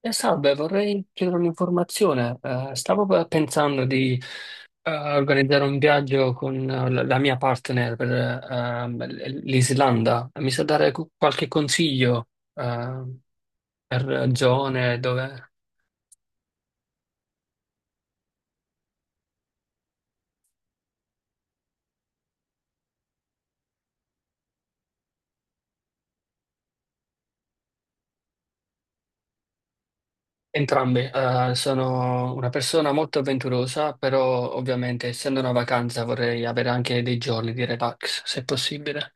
Salve, vorrei chiedere un'informazione. Stavo pensando di organizzare un viaggio con la mia partner per l'Islanda. Mi sa dare qualche consiglio eh, per zone dove... Entrambe, sono una persona molto avventurosa, però ovviamente essendo una vacanza vorrei avere anche dei giorni di relax, se possibile.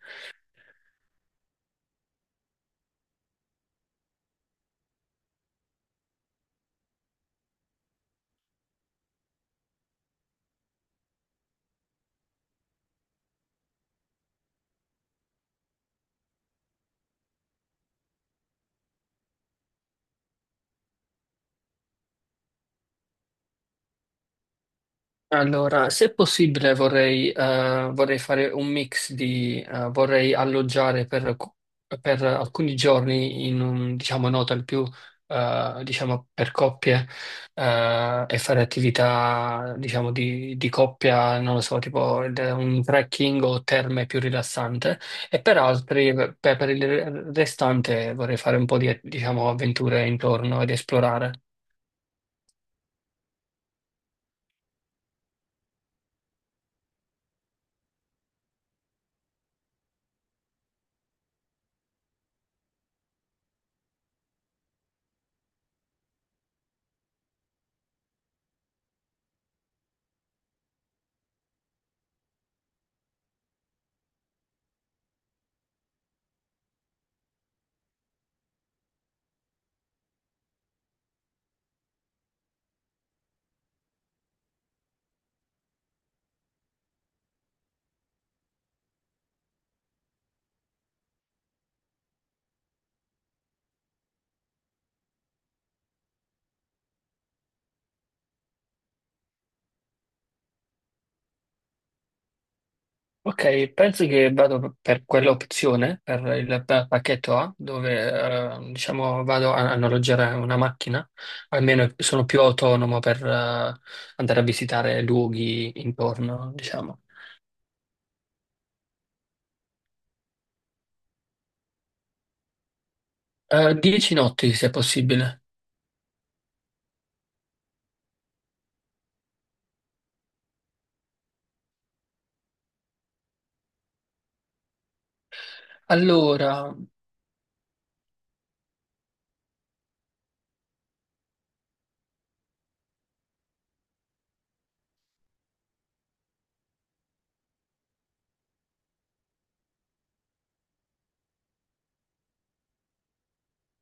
Allora, se possibile vorrei, vorrei fare un mix di, vorrei alloggiare per alcuni giorni in un, diciamo, un hotel più, diciamo, per coppie, e fare attività, diciamo, di coppia, non lo so, tipo un trekking o terme più rilassante, e per altri, per il restante vorrei fare un po' di, diciamo, avventure intorno ed esplorare. Ok, penso che vado per quell'opzione, per il pacchetto A, dove diciamo vado a, a noleggiare una macchina, almeno sono più autonomo per andare a visitare luoghi intorno, diciamo. 10 notti, se possibile. Allora.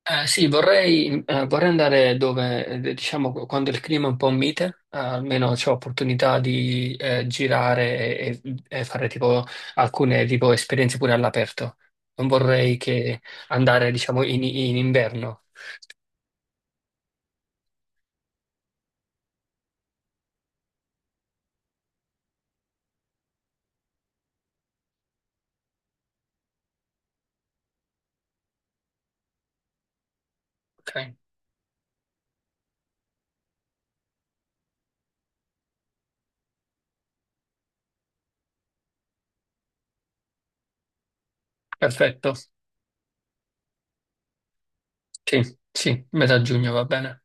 Sì, vorrei, vorrei andare dove, diciamo, quando il clima è un po' mite, almeno c'ho opportunità di girare e fare tipo alcune tipo, esperienze pure all'aperto. Non vorrei che andare, diciamo, in, in inverno. Ok, perfetto. Sì, sì, metà giugno va bene.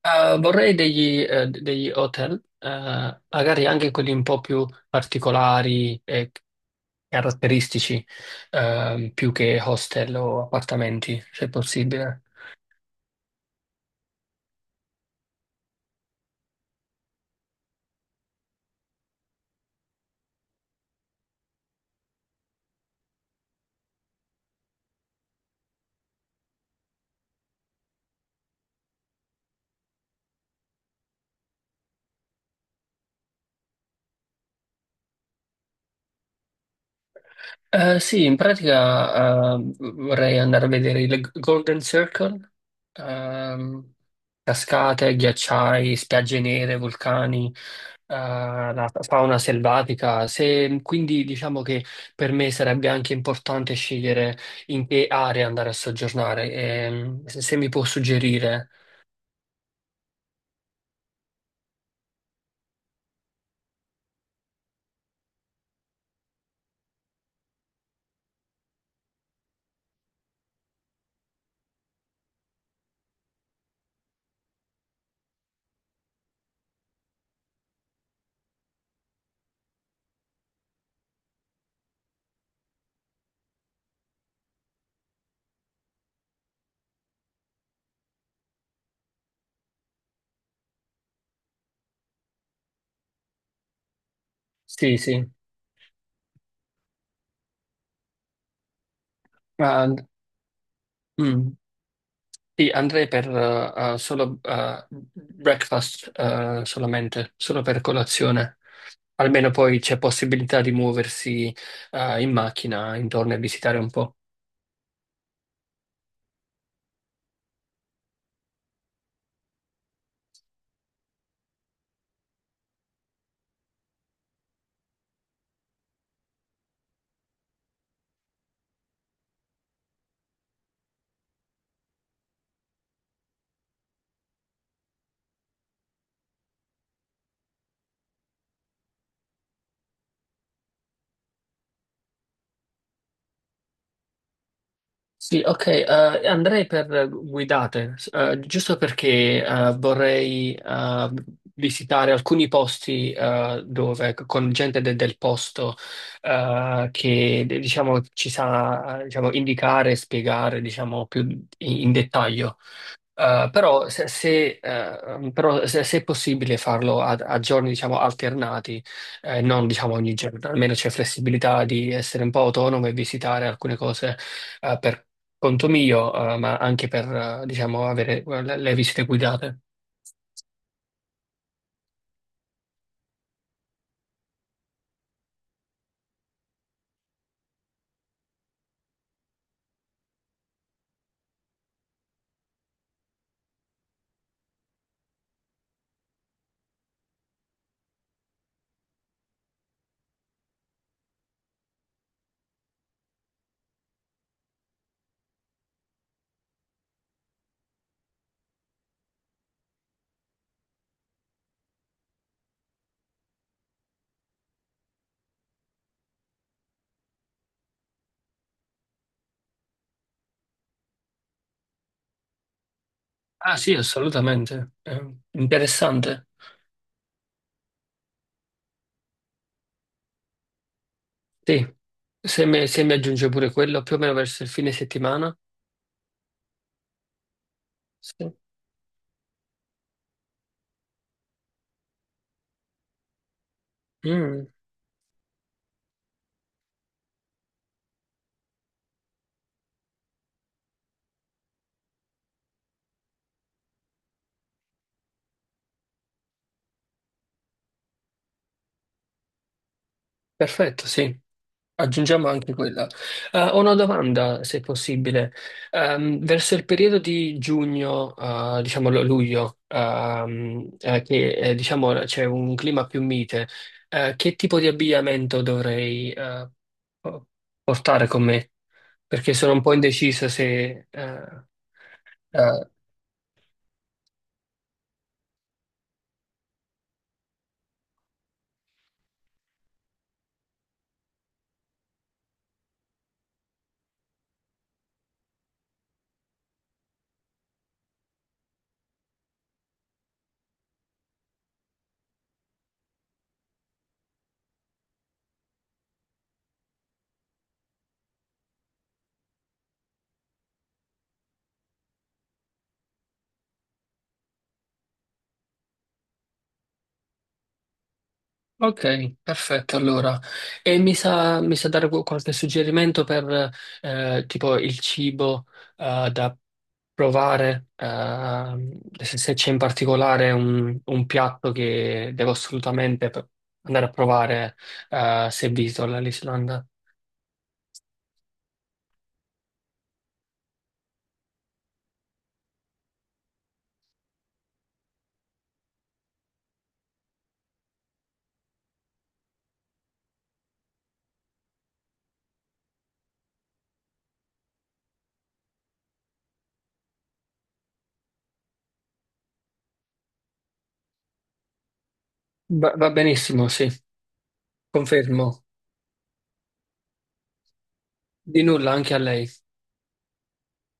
Vorrei degli, degli hotel, magari anche quelli un po' più particolari, caratteristici, più che hostel o appartamenti, se possibile. Sì, in pratica, vorrei andare a vedere il Golden Circle, ehm, cascate, ghiacciai, spiagge nere, vulcani, la fauna selvatica. Quindi diciamo che per me sarebbe anche importante scegliere in che area andare a soggiornare. Se, se mi può suggerire. Sì, sì. Ah, mm. Sì, andrei per solo breakfast, solamente, solo per colazione. Almeno poi c'è possibilità di muoversi in macchina intorno e visitare un po'. Sì, ok, andrei per guidate, giusto perché vorrei visitare alcuni posti dove con gente del posto, che diciamo, ci sa diciamo, indicare e spiegare, diciamo, più in dettaglio. Però, se, se, però se, se è possibile farlo a, a giorni diciamo alternati, non diciamo ogni giorno, almeno c'è flessibilità di essere un po' autonomo e visitare alcune cose per conto mio, ma anche per diciamo avere le visite guidate. Ah sì, assolutamente. Interessante. Sì, se mi aggiunge pure quello più o meno verso il fine settimana. Sì. Mm, perfetto, sì. Aggiungiamo anche quella. Ho una domanda, se possibile. Verso il periodo di giugno, diciamo luglio, che, diciamo, c'è un clima più mite, che tipo di abbigliamento dovrei, po- portare con me? Perché sono un po' indeciso se eh, ok, perfetto allora. E mi sa dare qualche suggerimento per tipo il cibo da provare, se, se c'è in particolare un piatto che devo assolutamente andare a provare, se visito l'Islanda. Va, va benissimo, sì, confermo. Di nulla anche a lei.